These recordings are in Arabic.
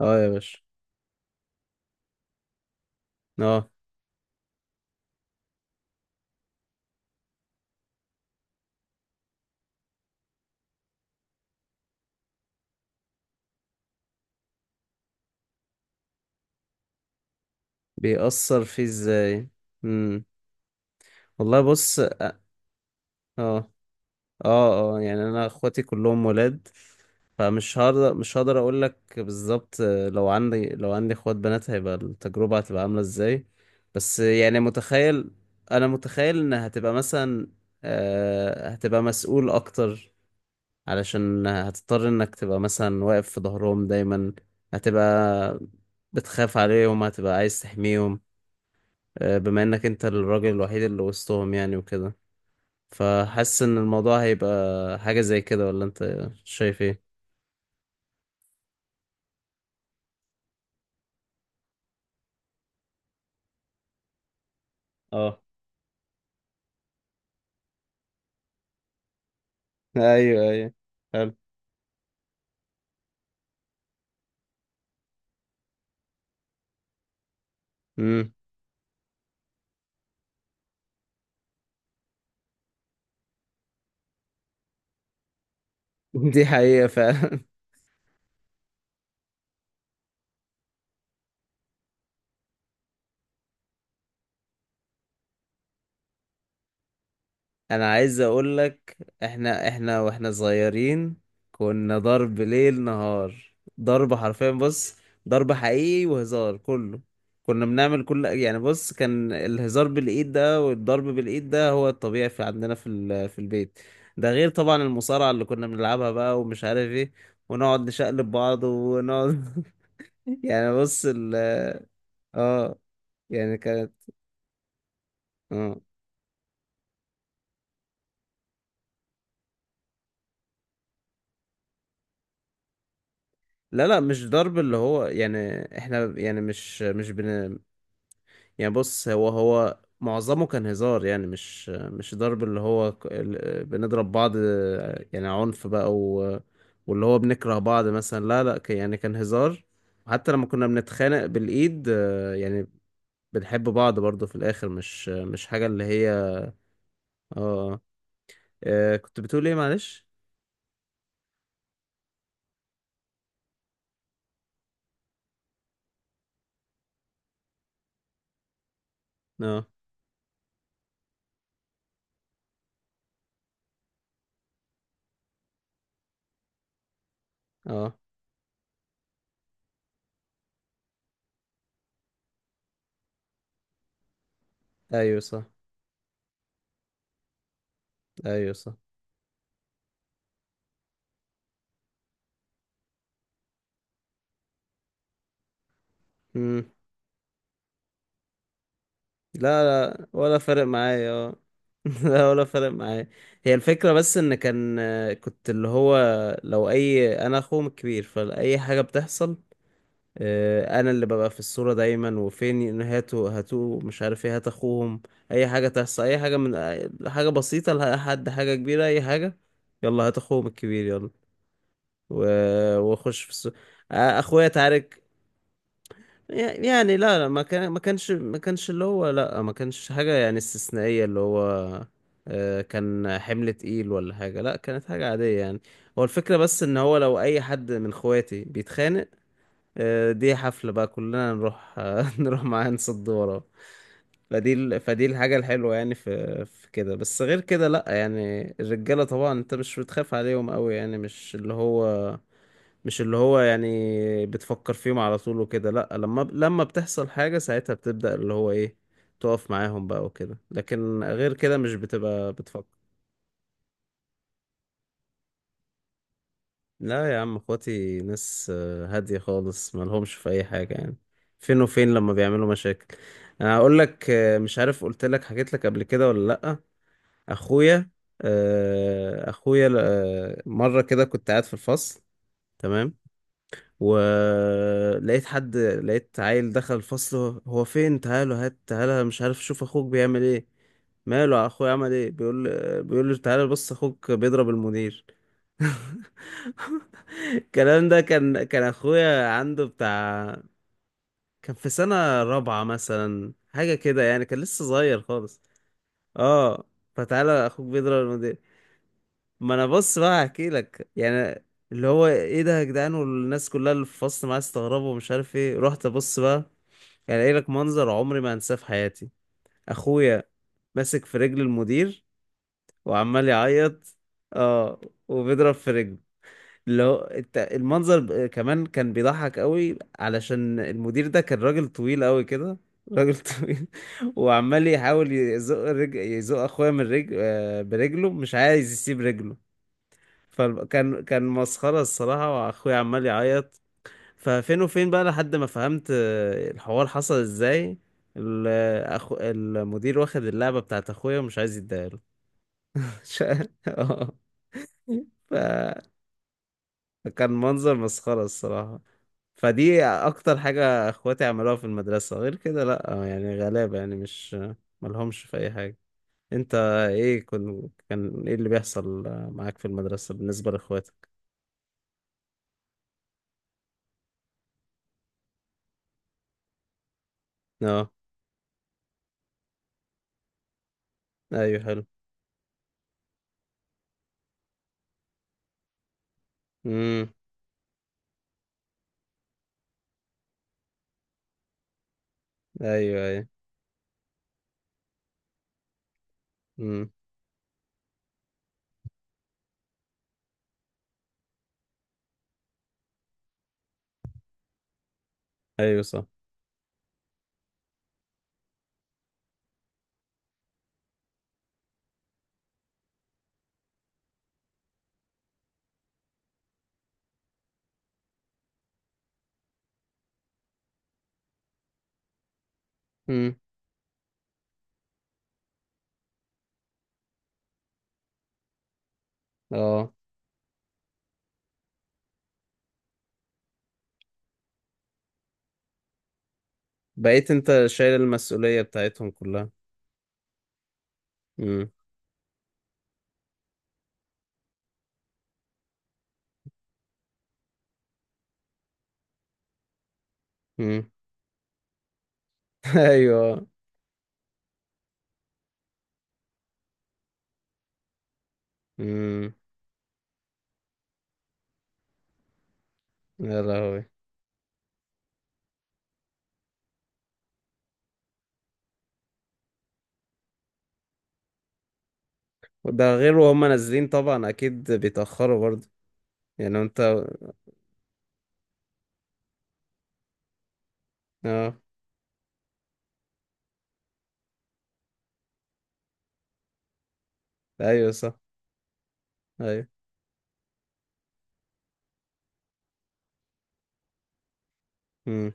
اه، يا باشا. اه، بيأثر فيه ازاي؟ امم. والله بص. اه، اه، اه، يعني انا اخواتي كلهم ولاد. فمش هقدر مش هقدر اقول لك بالظبط. لو عندي اخوات بنات هيبقى التجربة هتبقى عاملة ازاي. بس يعني متخيل، انا متخيل ان هتبقى مثلا هتبقى مسؤول اكتر، علشان هتضطر انك تبقى مثلا واقف في ظهرهم دايما، هتبقى بتخاف عليهم، هتبقى عايز تحميهم، بما انك انت الراجل الوحيد اللي وسطهم، يعني وكده. فحاسس ان الموضوع هيبقى حاجة زي كده، ولا انت شايف ايه؟ اه، ايوه، ايوه، حلو. امم. دي حقيقة فعلا. انا عايز اقول لك، احنا واحنا صغيرين كنا ضرب ليل نهار. ضرب حرفيا، بص، ضرب حقيقي وهزار كله. كنا بنعمل كل، يعني بص، كان الهزار بالايد ده والضرب بالايد ده هو الطبيعي في عندنا في في البيت. ده غير طبعا المصارعة اللي كنا بنلعبها بقى ومش عارف ايه، ونقعد نشقلب بعض ونقعد. يعني بص ال. اه، يعني كانت. اه، لا، لا، مش ضرب اللي هو، يعني احنا، يعني مش. يعني بص، هو هو معظمه كان هزار، يعني مش ضرب اللي هو، بنضرب بعض، يعني عنف بقى و... واللي هو بنكره بعض مثلا، لا، لا، يعني كان هزار. حتى لما كنا بنتخانق بالإيد، يعني بنحب بعض برضه في الآخر، مش مش حاجة اللي هي. اه. كنت بتقول ايه، معلش؟ اه، اه، ايوه، صح. ايوه، صح. لا، لا، ولا فارق معايا، اه. لا، ولا فارق معايا. هي الفكرة بس ان كان، كنت اللي هو لو اي، انا اخوهم الكبير، فاي حاجة بتحصل، انا اللي ببقى في الصورة دايما، وفين، هاتوا هاتوا مش عارف ايه، هات اخوهم. اي حاجة تحصل، اي حاجة من حاجة بسيطة لحد حاجة كبيرة، اي حاجة، يلا هات اخوهم الكبير، يلا. واخش في الصورة. اخويا تعارك. يعني، لا، لا، ما كان، ما كانش اللي هو، لا، ما كانش حاجة يعني استثنائية، اللي هو كان حمل تقيل ولا حاجة، لا، كانت حاجة عادية يعني. هو الفكرة بس ان هو لو اي حد من اخواتي بيتخانق، دي حفلة بقى، كلنا نروح، نروح معاه، نصد وراه. فدي الحاجة الحلوة يعني، في في كده. بس غير كده، لا، يعني الرجالة طبعا انت مش بتخاف عليهم قوي، يعني مش اللي هو، مش اللي هو، يعني بتفكر فيهم على طول وكده، لا. لما لما بتحصل حاجة ساعتها بتبدأ اللي هو ايه، تقف معاهم بقى وكده، لكن غير كده مش بتبقى بتفكر. لا يا عم، اخواتي ناس هادية خالص، مالهمش في اي حاجة يعني. فين وفين لما بيعملوا مشاكل. انا هقول لك، مش عارف قلت لك، حكيت لك قبل كده ولا لا. اخويا، اخويا، مرة كده كنت قاعد في الفصل، تمام، ولقيت حد، لقيت عيل دخل الفصل، هو فين، تعالوا، هات، تعالى، مش عارف، شوف اخوك بيعمل ايه. ماله اخويا، عمل ايه؟ بيقول، بيقول له: تعالى بص اخوك بيضرب المدير. الكلام ده كان اخويا عنده بتاع، كان في سنة رابعة مثلا، حاجة كده يعني، كان لسه صغير خالص. اه. فتعالى اخوك بيضرب المدير. ما انا بص بقى هحكي لك يعني. اللي هو ايه ده يا جدعان، والناس كلها اللي في الفصل معايا استغربوا ومش عارف ايه، رحت ابص بقى، يعني قايل لك منظر عمري ما انساه في حياتي. اخويا ماسك في رجل المدير، وعمال يعيط. اه. وبيضرب في رجله، اللي هو انت المنظر، كمان كان بيضحك قوي، علشان المدير ده كان راجل طويل قوي كده، راجل طويل، وعمال يحاول يزق اخويا من رجل برجله، مش عايز يسيب رجله. فكان كان مسخرة الصراحة، واخويا عمال يعيط. ففين وفين بقى لحد ما فهمت الحوار حصل ازاي. ال- المدير واخد اللعبة بتاعت اخويا ومش عايز يديها له. ش- آه. فكان منظر مسخرة الصراحة. فدي اكتر حاجة اخواتي عملوها في المدرسة. غير كده لا، يعني غلابة، يعني مش، ملهمش في اي حاجة. انت ايه، كان ايه اللي بيحصل معاك في المدرسة بالنسبة لاخواتك؟ اه، ايوه، حلو. امم. ايوه، ايوه. امم. ايوه، صح. امم. اه. بقيت انت شايل المسؤولية بتاعتهم كلها. امم. امم. ايوه. امم. يا لهوي. وده غير وهم نازلين طبعا، اكيد بيتأخروا برضه. يعني انت. اه، ايوه، صح. ايوه. امم.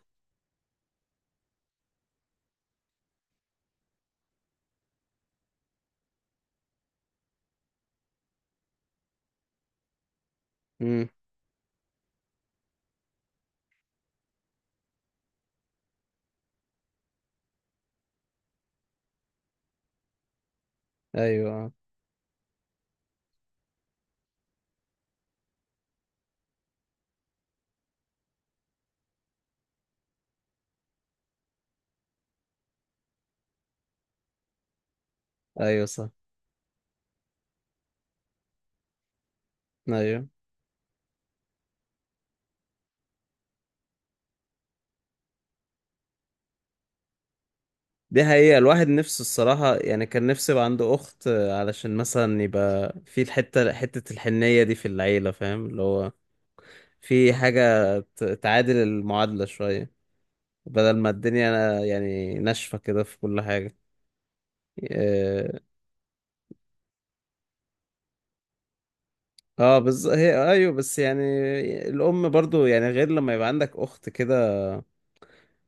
امم. ايوه، ايوه، صح. ايوه، دي حقيقة، الواحد نفسه الصراحة، يعني كان نفسه يبقى عنده أخت، علشان مثلا يبقى في الحتة، حتة الحنية دي في العيلة، فاهم اللي هو، في حاجة تعادل المعادلة شوية، بدل ما الدنيا يعني ناشفة كده في كل حاجة. اه. هي ايوه، بس يعني الام برضو، يعني غير لما يبقى عندك اخت كده.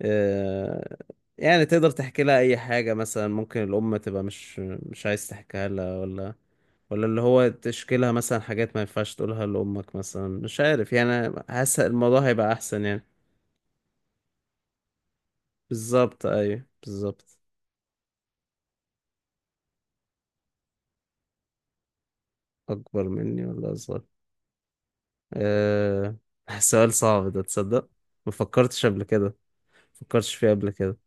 آه. يعني تقدر تحكي لها اي حاجة مثلا، ممكن الام تبقى مش، مش عايز تحكيها لها، ولا، ولا اللي هو تشكي لها مثلا حاجات ما ينفعش تقولها لامك مثلا، مش عارف، يعني حاسس الموضوع هيبقى احسن يعني. بالظبط، ايوه، بالظبط. اكبر مني ولا اصغر؟ آه. سؤال صعب ده تصدق، ما فكرتش قبل كده، فكرتش فيه قبل كده.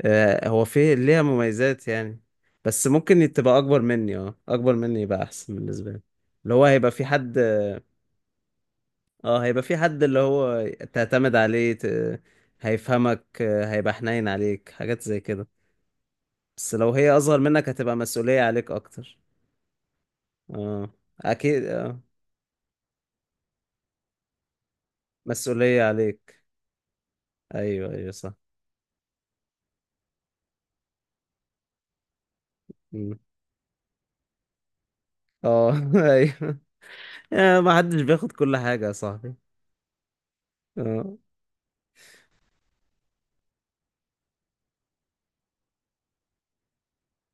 آه، هو فيه ليها مميزات يعني، بس ممكن تبقى اكبر مني، اه، اكبر مني يبقى احسن بالنسبه لي. اللي هو هيبقى في حد. اه، هيبقى في حد اللي هو تعتمد عليه ت... هيفهمك، هيبقى حنين عليك، حاجات زي كده. بس لو هي اصغر منك هتبقى مسؤوليه عليك اكتر. اه، اكيد. اه، مسؤوليه عليك. ايوه، ايوه، صح. مم. اه. ايوه. ما حدش بياخد كل حاجه يا صاحبي. اه.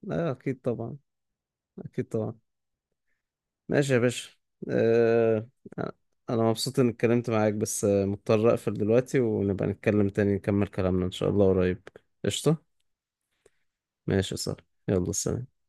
لا، اكيد طبعا. اكيد طبعا. ماشي يا باشا. أه... انا مبسوط اني اتكلمت معاك، بس مضطر اقفل دلوقتي، ونبقى نتكلم تاني، نكمل كلامنا ان شاء الله قريب. قشطة. ماشي يا صاحبي. يلا سلام.